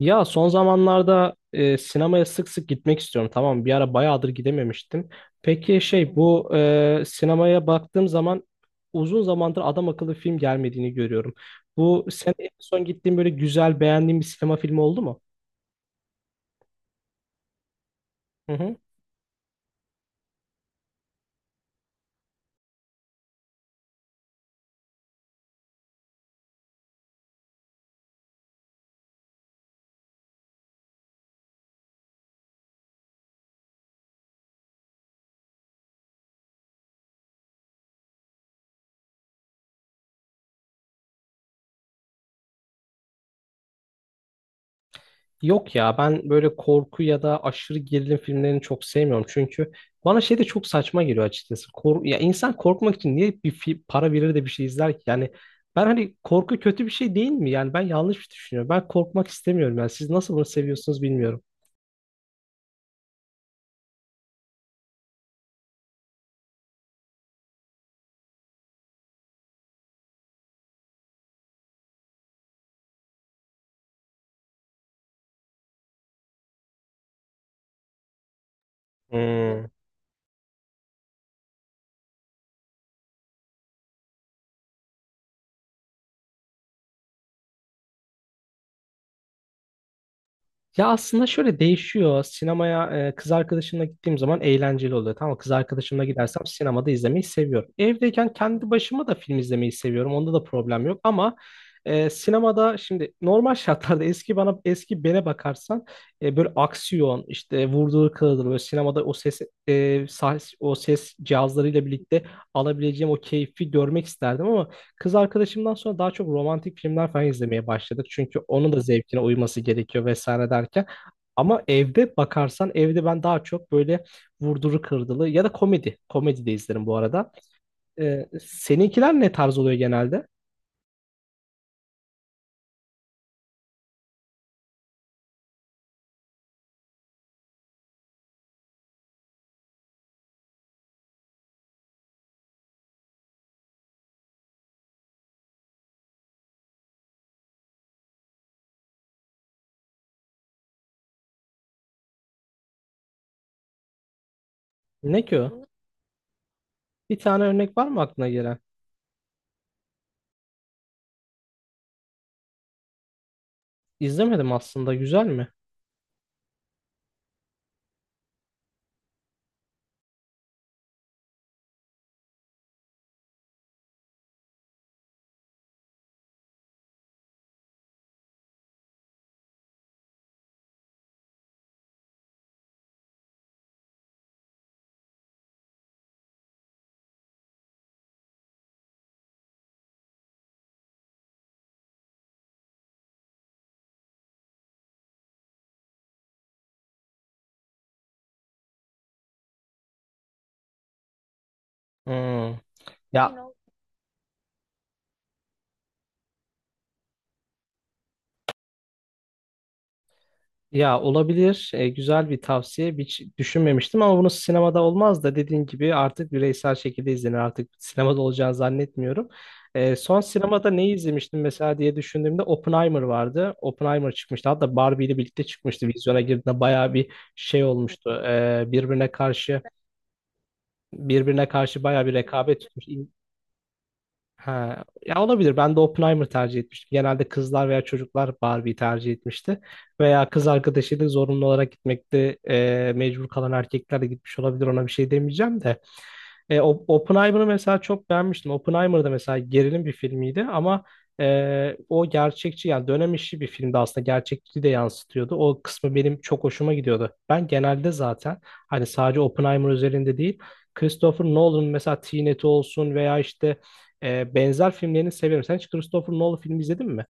Ya son zamanlarda sinemaya sık sık gitmek istiyorum. Tamam, bir ara bayağıdır gidememiştim. Peki şey bu sinemaya baktığım zaman uzun zamandır adam akıllı film gelmediğini görüyorum. Bu sen en son gittiğin böyle güzel beğendiğin bir sinema filmi oldu mu? Hı hı. Yok ya ben böyle korku ya da aşırı gerilim filmlerini çok sevmiyorum. Çünkü bana şey de çok saçma geliyor açıkçası. Ya insan korkmak için niye bir para verir de bir şey izler ki? Yani ben hani korku kötü bir şey değil mi? Yani ben yanlış bir düşünüyorum. Ben korkmak istemiyorum. Yani siz nasıl bunu seviyorsunuz bilmiyorum. Hmm. Ya aslında şöyle değişiyor. Sinemaya kız arkadaşımla gittiğim zaman eğlenceli oluyor. Tamam mı? Kız arkadaşımla gidersem sinemada izlemeyi seviyorum. Evdeyken kendi başıma da film izlemeyi seviyorum. Onda da problem yok ama sinemada şimdi normal şartlarda eski bene bakarsan böyle aksiyon işte vurduğu kırılır böyle sinemada e, o ses cihazlarıyla birlikte alabileceğim o keyfi görmek isterdim ama. Kız arkadaşımdan sonra daha çok romantik filmler falan izlemeye başladık. Çünkü onun da zevkine uyması gerekiyor vesaire derken. Ama evde bakarsan evde ben daha çok böyle vurduru kırdılı ya da komedi. Komedi de izlerim bu arada. Seninkiler ne tarz oluyor genelde? Ne ki o? Bir tane örnek var mı aklına gelen? İzlemedim aslında. Güzel mi? Hmm. Ya Ya olabilir. Güzel bir tavsiye. Hiç düşünmemiştim ama bunu sinemada olmaz da dediğin gibi artık bireysel şekilde izlenir. Artık sinemada olacağını zannetmiyorum. Son sinemada neyi izlemiştim mesela diye düşündüğümde Oppenheimer vardı. Oppenheimer çıkmıştı. Hatta Barbie ile birlikte çıkmıştı. Vizyona girdiğinde bayağı bir şey olmuştu. Birbirine karşı bayağı bir rekabet tutmuş. Ha, ya olabilir. Ben de Oppenheimer tercih etmiştim. Genelde kızlar veya çocuklar Barbie'yi tercih etmişti. Veya kız arkadaşıyla zorunlu olarak gitmekte mecbur kalan erkekler de gitmiş olabilir. Ona bir şey demeyeceğim de. Oppenheimer'ı mesela çok beğenmiştim. Oppenheimer da mesela gerilim bir filmiydi ama o gerçekçi yani dönem işi bir filmdi aslında gerçekçiliği de yansıtıyordu. O kısmı benim çok hoşuma gidiyordu. Ben genelde zaten hani sadece Oppenheimer üzerinde değil Christopher Nolan'ın mesela Tenet'i olsun veya işte benzer filmlerini severim. Sen hiç Christopher Nolan filmi izledin mi?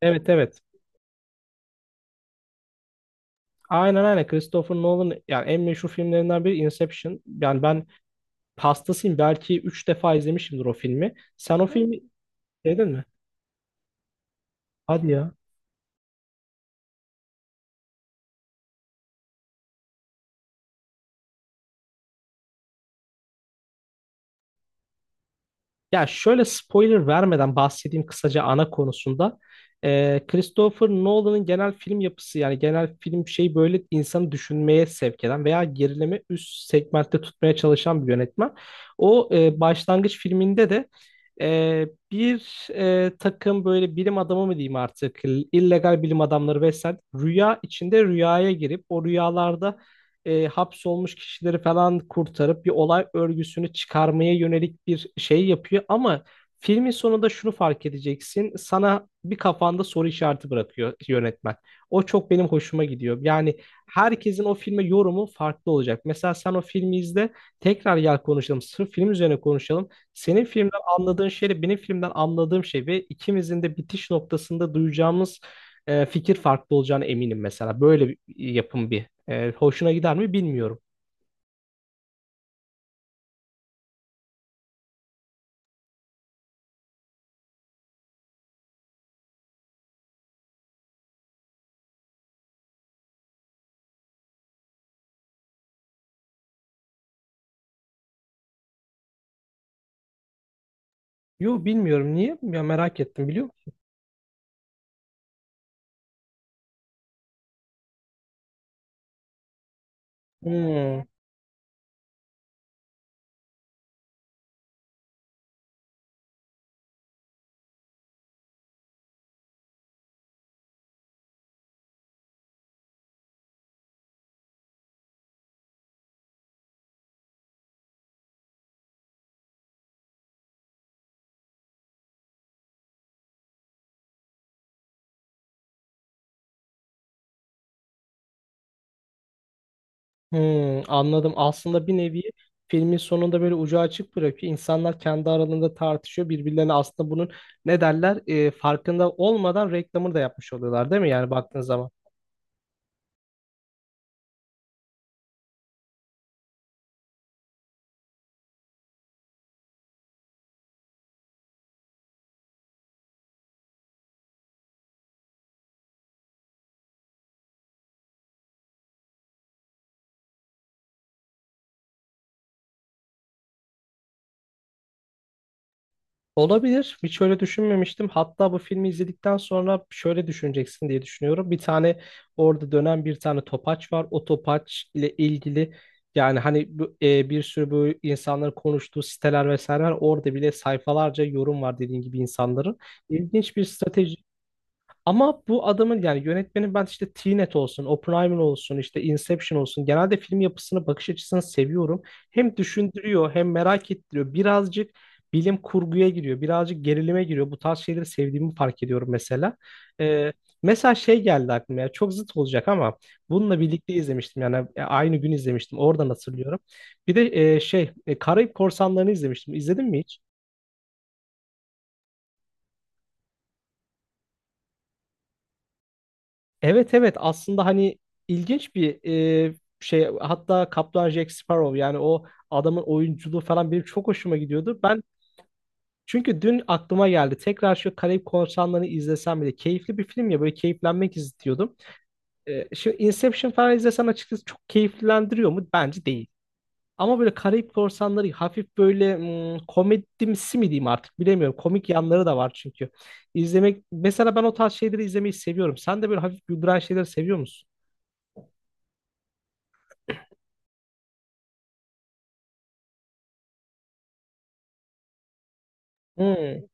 Evet, evet. Aynen, aynen, Christopher Nolan yani en meşhur filmlerinden biri Inception. Yani ben hastasıyım belki 3 defa izlemişimdir o filmi. Sen o filmi sevdin mi? Hadi ya. Ya şöyle spoiler vermeden bahsedeyim kısaca ana konusunda. Christopher Nolan'ın genel film yapısı yani genel film şey böyle insanı düşünmeye sevk eden veya gerileme üst segmentte tutmaya çalışan bir yönetmen. O başlangıç filminde de e, bir takım böyle bilim adamı mı diyeyim artık illegal bilim adamları vesaire rüya içinde rüyaya girip o rüyalarda hapsolmuş kişileri falan kurtarıp bir olay örgüsünü çıkarmaya yönelik bir şey yapıyor. Ama filmin sonunda şunu fark edeceksin. Sana bir kafanda soru işareti bırakıyor yönetmen. O çok benim hoşuma gidiyor. Yani herkesin o filme yorumu farklı olacak. Mesela sen o filmi izle, tekrar gel konuşalım. Sırf film üzerine konuşalım. Senin filmden anladığın şeyle benim filmden anladığım şey ve ikimizin de bitiş noktasında duyacağımız fikir farklı olacağına eminim mesela. Böyle bir yapım bir hoşuna gider mi bilmiyorum. Yo bilmiyorum niye? Ya merak ettim biliyor musun? Hmm, hmm, anladım. Aslında bir nevi filmin sonunda böyle ucu açık bırakıyor. İnsanlar kendi aralarında tartışıyor. Birbirlerine aslında bunun ne derler farkında olmadan reklamını da yapmış oluyorlar değil mi? Yani baktığın zaman. Olabilir. Hiç öyle düşünmemiştim. Hatta bu filmi izledikten sonra şöyle düşüneceksin diye düşünüyorum. Bir tane orada dönen bir tane topaç var. O topaç ile ilgili yani hani bir sürü bu insanların konuştuğu siteler vesaire var. Orada bile sayfalarca yorum var dediğin gibi insanların. İlginç bir strateji ama bu adamın yani yönetmenin ben işte Tenet olsun, Oppenheimer olsun, işte Inception olsun genelde film yapısını, bakış açısını seviyorum. Hem düşündürüyor hem merak ettiriyor. Birazcık bilim kurguya giriyor, birazcık gerilime giriyor. Bu tarz şeyleri sevdiğimi fark ediyorum mesela. Ee, Mesela şey geldi aklıma ya çok zıt olacak ama bununla birlikte izlemiştim yani aynı gün izlemiştim oradan hatırlıyorum. Bir de Karayip Korsanları'nı izlemiştim. İzledin mi hiç? Evet, evet, aslında hani ilginç bir e, şey hatta Kaptan Jack Sparrow yani o adamın oyunculuğu falan benim çok hoşuma gidiyordu. Ben çünkü dün aklıma geldi tekrar şu Karayip Korsanları'nı izlesem bile keyifli bir film ya böyle keyiflenmek istiyordum. Şimdi Inception falan izlesem açıkçası çok keyiflendiriyor mu? Bence değil. Ama böyle Karayip Korsanları hafif böyle komedimsi mi diyeyim artık bilemiyorum. Komik yanları da var çünkü. İzlemek mesela ben o tarz şeyleri izlemeyi seviyorum. Sen de böyle hafif güldüren şeyleri seviyor musun? Hmm,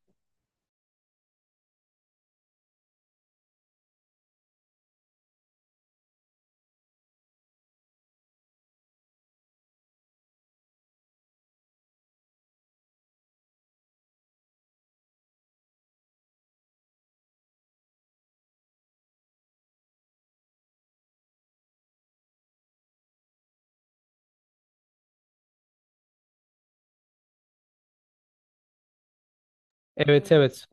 evet, evet,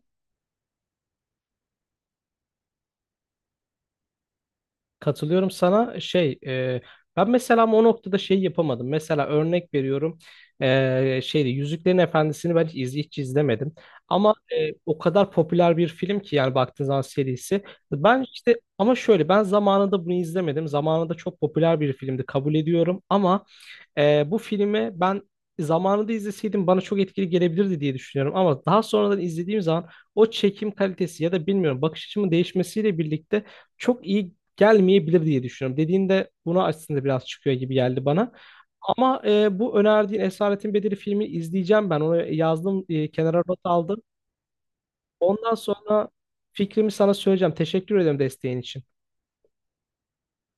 katılıyorum sana ben mesela ama o noktada şey yapamadım mesela örnek veriyorum şeyde Yüzüklerin Efendisi'ni ben hiç izlemedim ama o kadar popüler bir film ki yani baktığın zaman serisi ben işte ama şöyle ben zamanında bunu izlemedim zamanında çok popüler bir filmdi kabul ediyorum ama. Bu filmi ben zamanında izleseydim bana çok etkili gelebilirdi diye düşünüyorum. Ama daha sonradan izlediğim zaman o çekim kalitesi ya da bilmiyorum bakış açımın değişmesiyle birlikte çok iyi gelmeyebilir diye düşünüyorum. Dediğinde buna aslında biraz çıkıyor gibi geldi bana. Ama bu önerdiğin Esaretin Bedeli filmi izleyeceğim ben. Onu yazdım, kenara not aldım. Ondan sonra fikrimi sana söyleyeceğim. Teşekkür ederim desteğin için.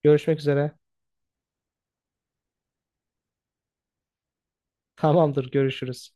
Görüşmek üzere. Tamamdır, görüşürüz.